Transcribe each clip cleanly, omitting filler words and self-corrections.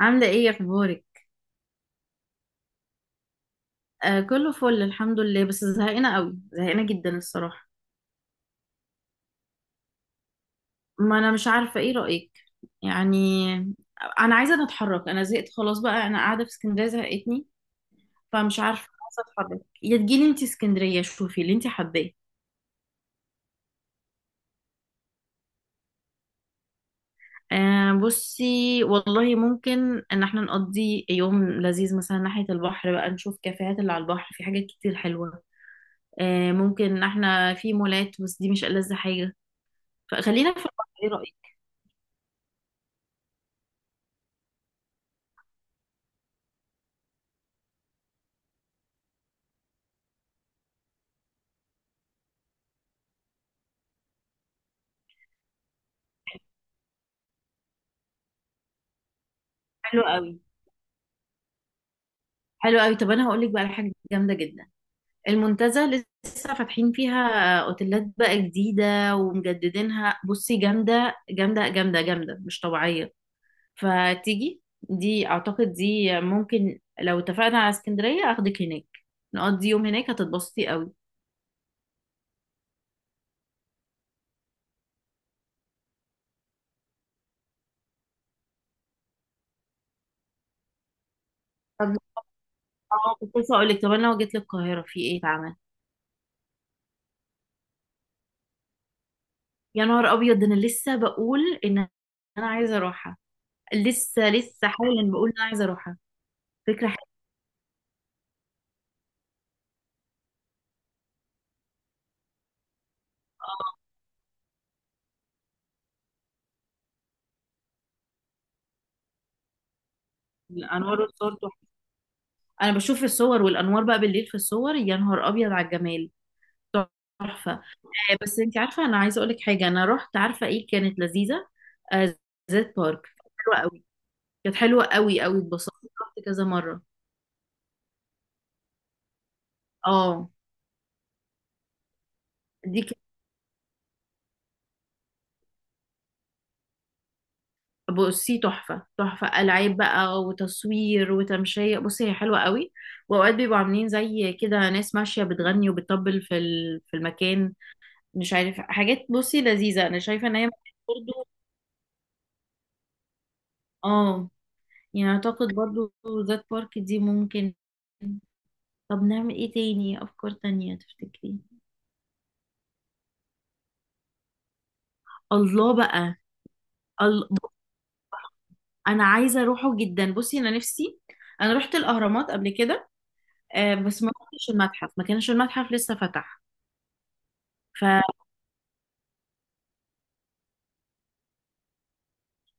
عاملة ايه اخبارك؟ آه كله فل الحمد لله، بس زهقانة قوي، زهقانة جدا الصراحة. ما انا مش عارفة، ايه رأيك؟ يعني انا عايزة اتحرك، انا زهقت خلاص بقى، انا قاعدة في اسكندرية زهقتني. فمش عارفة، عايزة اتحرك، يا تجيلي انتي اسكندرية شوفي اللي انتي حباه. آه بصي والله ممكن ان احنا نقضي يوم لذيذ مثلا ناحية البحر بقى، نشوف كافيهات اللي على البحر، في حاجات كتير حلوة. آه ممكن ان احنا في مولات بس دي مش ألذ حاجة. فخلينا في البحر. ايه رأيك؟ حلو قوي. حلو قوي، طب انا هقول لك بقى على حاجه جامده جدا. المنتزه لسه فاتحين فيها اوتيلات بقى جديده ومجددينها، بصي جامده جامده مش طبيعيه. فتيجي دي، اعتقد دي ممكن لو اتفقنا على اسكندريه اخدك هناك، نقضي يوم هناك هتتبسطي قوي. طب اه كنت لسه اقول لك، طب انا لو جيت للقاهره في ايه اتعمل؟ يا نهار ابيض، ده انا لسه بقول ان انا عايزه اروحها، لسه حالا بقول ان انا عايزه اروحها. فكره. حلوه انوار الصور، انا بشوف في الصور والانوار بقى بالليل في الصور، يا نهار ابيض على الجمال. تحفه. بس انت عارفه انا عايزه اقول لك حاجه، انا رحت عارفه ايه كانت لذيذه؟ آه، زيت بارك. حلوه قوي. كانت حلوه قوي قوي، اتبسطت. رحت كذا مره. اه. دي كانت بصي تحفه تحفه، العاب بقى وتصوير وتمشيه، بصي هي حلوه قوي. واوقات بيبقوا عاملين زي كده ناس ماشيه بتغني وبتطبل في في المكان، مش عارف حاجات، بصي لذيذه، انا شايفه ان هي برضه. اه يعني اعتقد برضو ذات بارك دي ممكن. طب نعمل ايه تاني، افكار تانية تفتكري؟ الله بقى. ال... انا عايزة اروحه جدا، بصي انا نفسي. انا رحت الاهرامات قبل كده، آه بس ما رحتش المتحف، ما كانش المتحف لسه فتح. فايه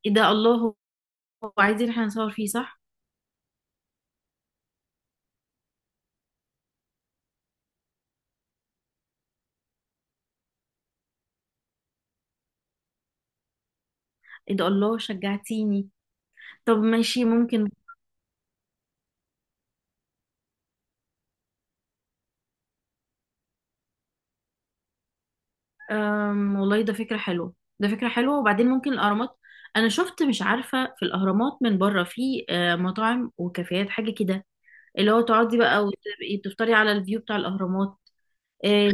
ده، الله، هو هو عايزين احنا نصور فيه صح؟ ايه ده، الله شجعتيني. طب ماشي ممكن. والله ده فكرة حلوة، ده فكرة حلوة. وبعدين ممكن الاهرامات، انا شفت مش عارفة في الاهرامات من بره في مطاعم وكافيهات حاجة كده، اللي هو تقعدي بقى وتبقي بتفطري على الفيو بتاع الأهرامات. إيه.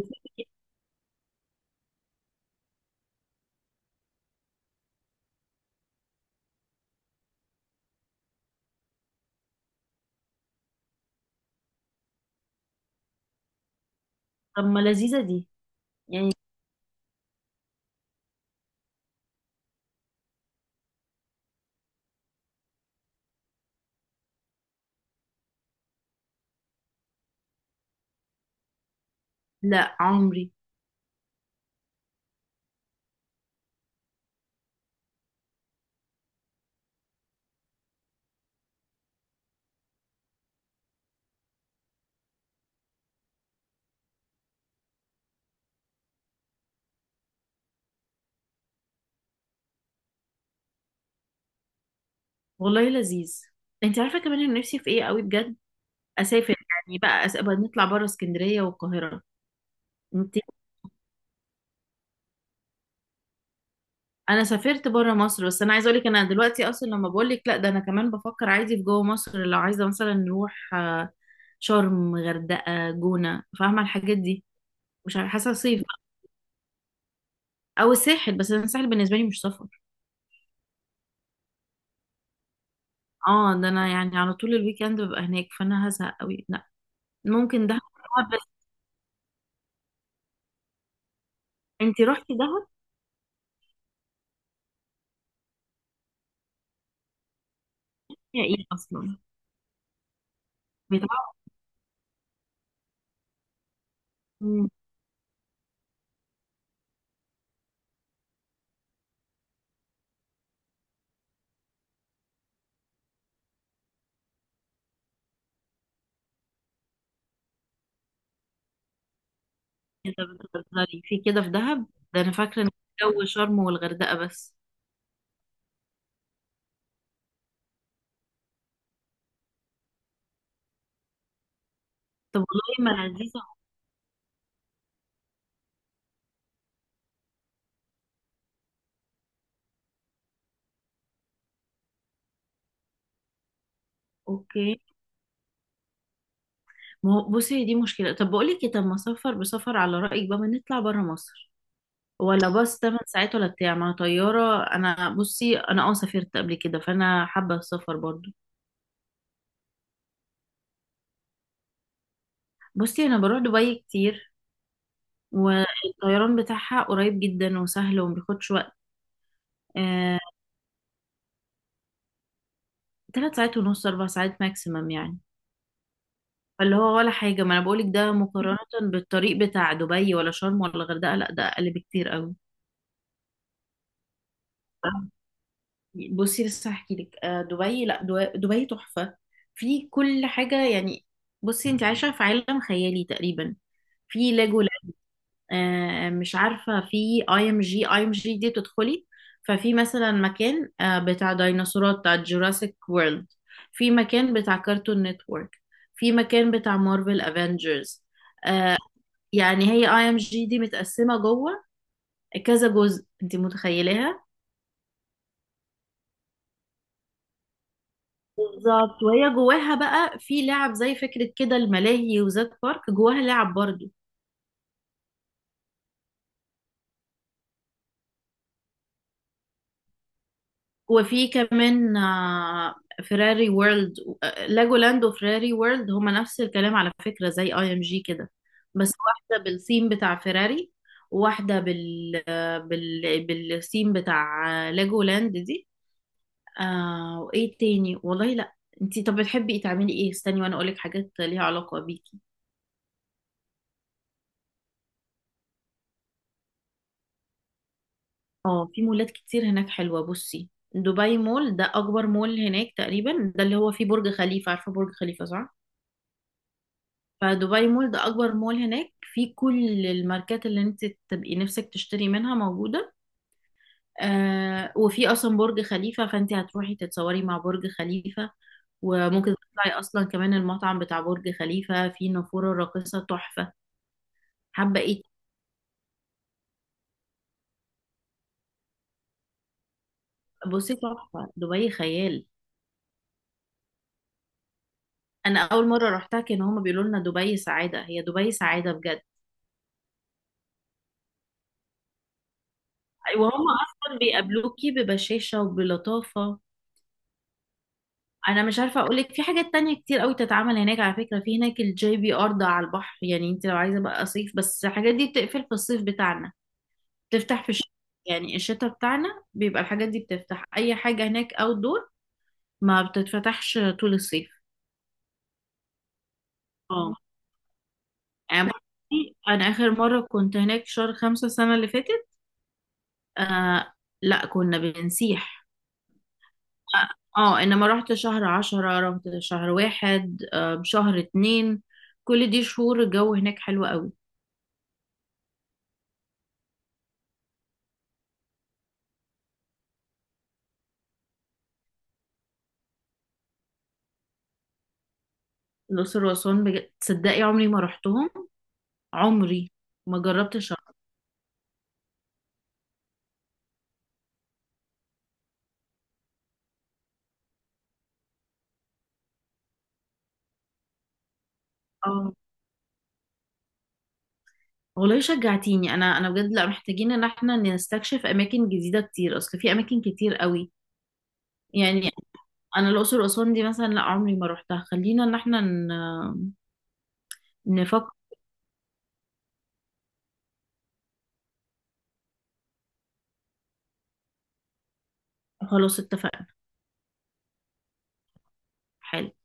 طب ما لذيذة دي. يعني لا عمري. والله لذيذ. انت عارفة كمان انا نفسي في ايه قوي بجد؟ اسافر يعني بقى، بقى نطلع بره اسكندرية والقاهرة. انت. انا سافرت بره مصر، بس انا عايزة اقولك انا دلوقتي اصلا لما بقول لك لا، ده انا كمان بفكر عادي في جوه مصر، لو عايزة مثلا نروح شرم، غردقة، جونة، فاهمة الحاجات دي. مش عارفة، حاسة صيف. او الساحل، بس انا الساحل بالنسبة لي مش سفر. اه ده انا يعني على طول الويك اند ببقى هناك، فانا هزهق قوي، لا. ممكن دهب. بس انتي رحتي دهب؟ يا ايه اصلا. بتعرفي كده بتهزري في كده في دهب؟ ده انا فاكره ان جو شرم والغردقه بس. طب والله ما لذيذه. اوكي. ما هو بصي دي مشكله، طب بقول لك طب ما سفر بسفر على رايك بقى، ما نطلع بره مصر؟ ولا باص 8 ساعات، ولا بتاع ما طياره. انا بصي انا اه سافرت قبل كده، فانا حابه السفر برضو. بصي انا بروح دبي كتير، والطيران بتاعها قريب جدا وسهل ومبياخدش وقت. آه، 3 ساعات ونص، 4 ساعات ماكسيمم يعني. فاللي هو ولا حاجة، ما أنا بقولك ده مقارنة بالطريق بتاع دبي ولا شرم ولا الغردقة، لأ ده أقل بكتير أوي. بصي لسه هحكيلك، دبي تحفة، في كل حاجة يعني. بصي أنت عايشة في عالم خيالي تقريبا. في لاجو، مش عارفة، في اي ام جي، اي ام جي دي تدخلي، ففي مثلا مكان بتاع ديناصورات، بتاع جوراسيك وورلد، في مكان بتاع كارتون نتورك، في مكان بتاع مارفل افنجرز. يعني هي اي ام جي دي متقسمة جوه كذا جزء، انت متخيلاها. بالظبط، وهي جواها بقى في لعب زي فكرة كده الملاهي، وزاد بارك جواها لعب برضو. وفي كمان فيراري وورلد. لاجولاند وفيراري وورلد هما نفس الكلام على فكرة، زي اي ام جي كده، بس واحدة بالثيم بتاع فيراري، وواحدة بال بالثيم بتاع لاجولاند دي. آه، وايه تاني والله، لا. انتي طب بتحبي ايه، تعملي ايه؟ استني وانا اقولك حاجات ليها علاقة بيكي. اه في مولات كتير هناك حلوة. بصي دبي مول ده اكبر مول هناك تقريبا، ده اللي هو فيه برج خليفة، عارفة برج خليفة صح؟ فدبي مول ده اكبر مول هناك، في كل الماركات اللي انت تبقي نفسك تشتري منها موجوده. آه، وفي اصلا برج خليفه، فانت هتروحي تتصوري مع برج خليفه، وممكن تطلعي اصلا كمان المطعم بتاع برج خليفه، في نافوره راقصه تحفه. حابه ايه. بصي تحفه، دبي خيال. انا اول مره رحتها كان هما بيقولوا لنا دبي سعاده، هي دبي سعاده بجد. وهم اصلا بيقابلوكي ببشاشه وبلطافه. انا مش عارفه اقول لك، في حاجات تانية كتير قوي تتعمل هناك. على فكره في هناك الجي بي ار ده على البحر، يعني انت لو عايزه بقى صيف، بس الحاجات دي بتقفل في الصيف بتاعنا، تفتح في الشتاء. يعني الشتاء بتاعنا بيبقى الحاجات دي بتفتح، اي حاجه هناك اوت دور ما بتتفتحش طول الصيف. اه يعني بصي، انا اخر مره كنت هناك شهر 5 السنه اللي فاتت. آه، لا كنا بنسيح. اه. انما رحت شهر 10، رحت شهر واحد، آه شهر اتنين، كل دي شهور الجو هناك حلو قوي. الأقصر وأسوان بجد تصدقي عمري ما رحتهم، عمري ما جربتش أروح. اه والله شجعتيني. أنا بجد لا، محتاجين إن احنا نستكشف أماكن جديدة كتير، أصل في أماكن كتير قوي يعني أنا الأقصر وأسوان دي مثلا لا عمري ما رحتها. خلينا إن احنا نفكر. خلاص اتفقنا. حلو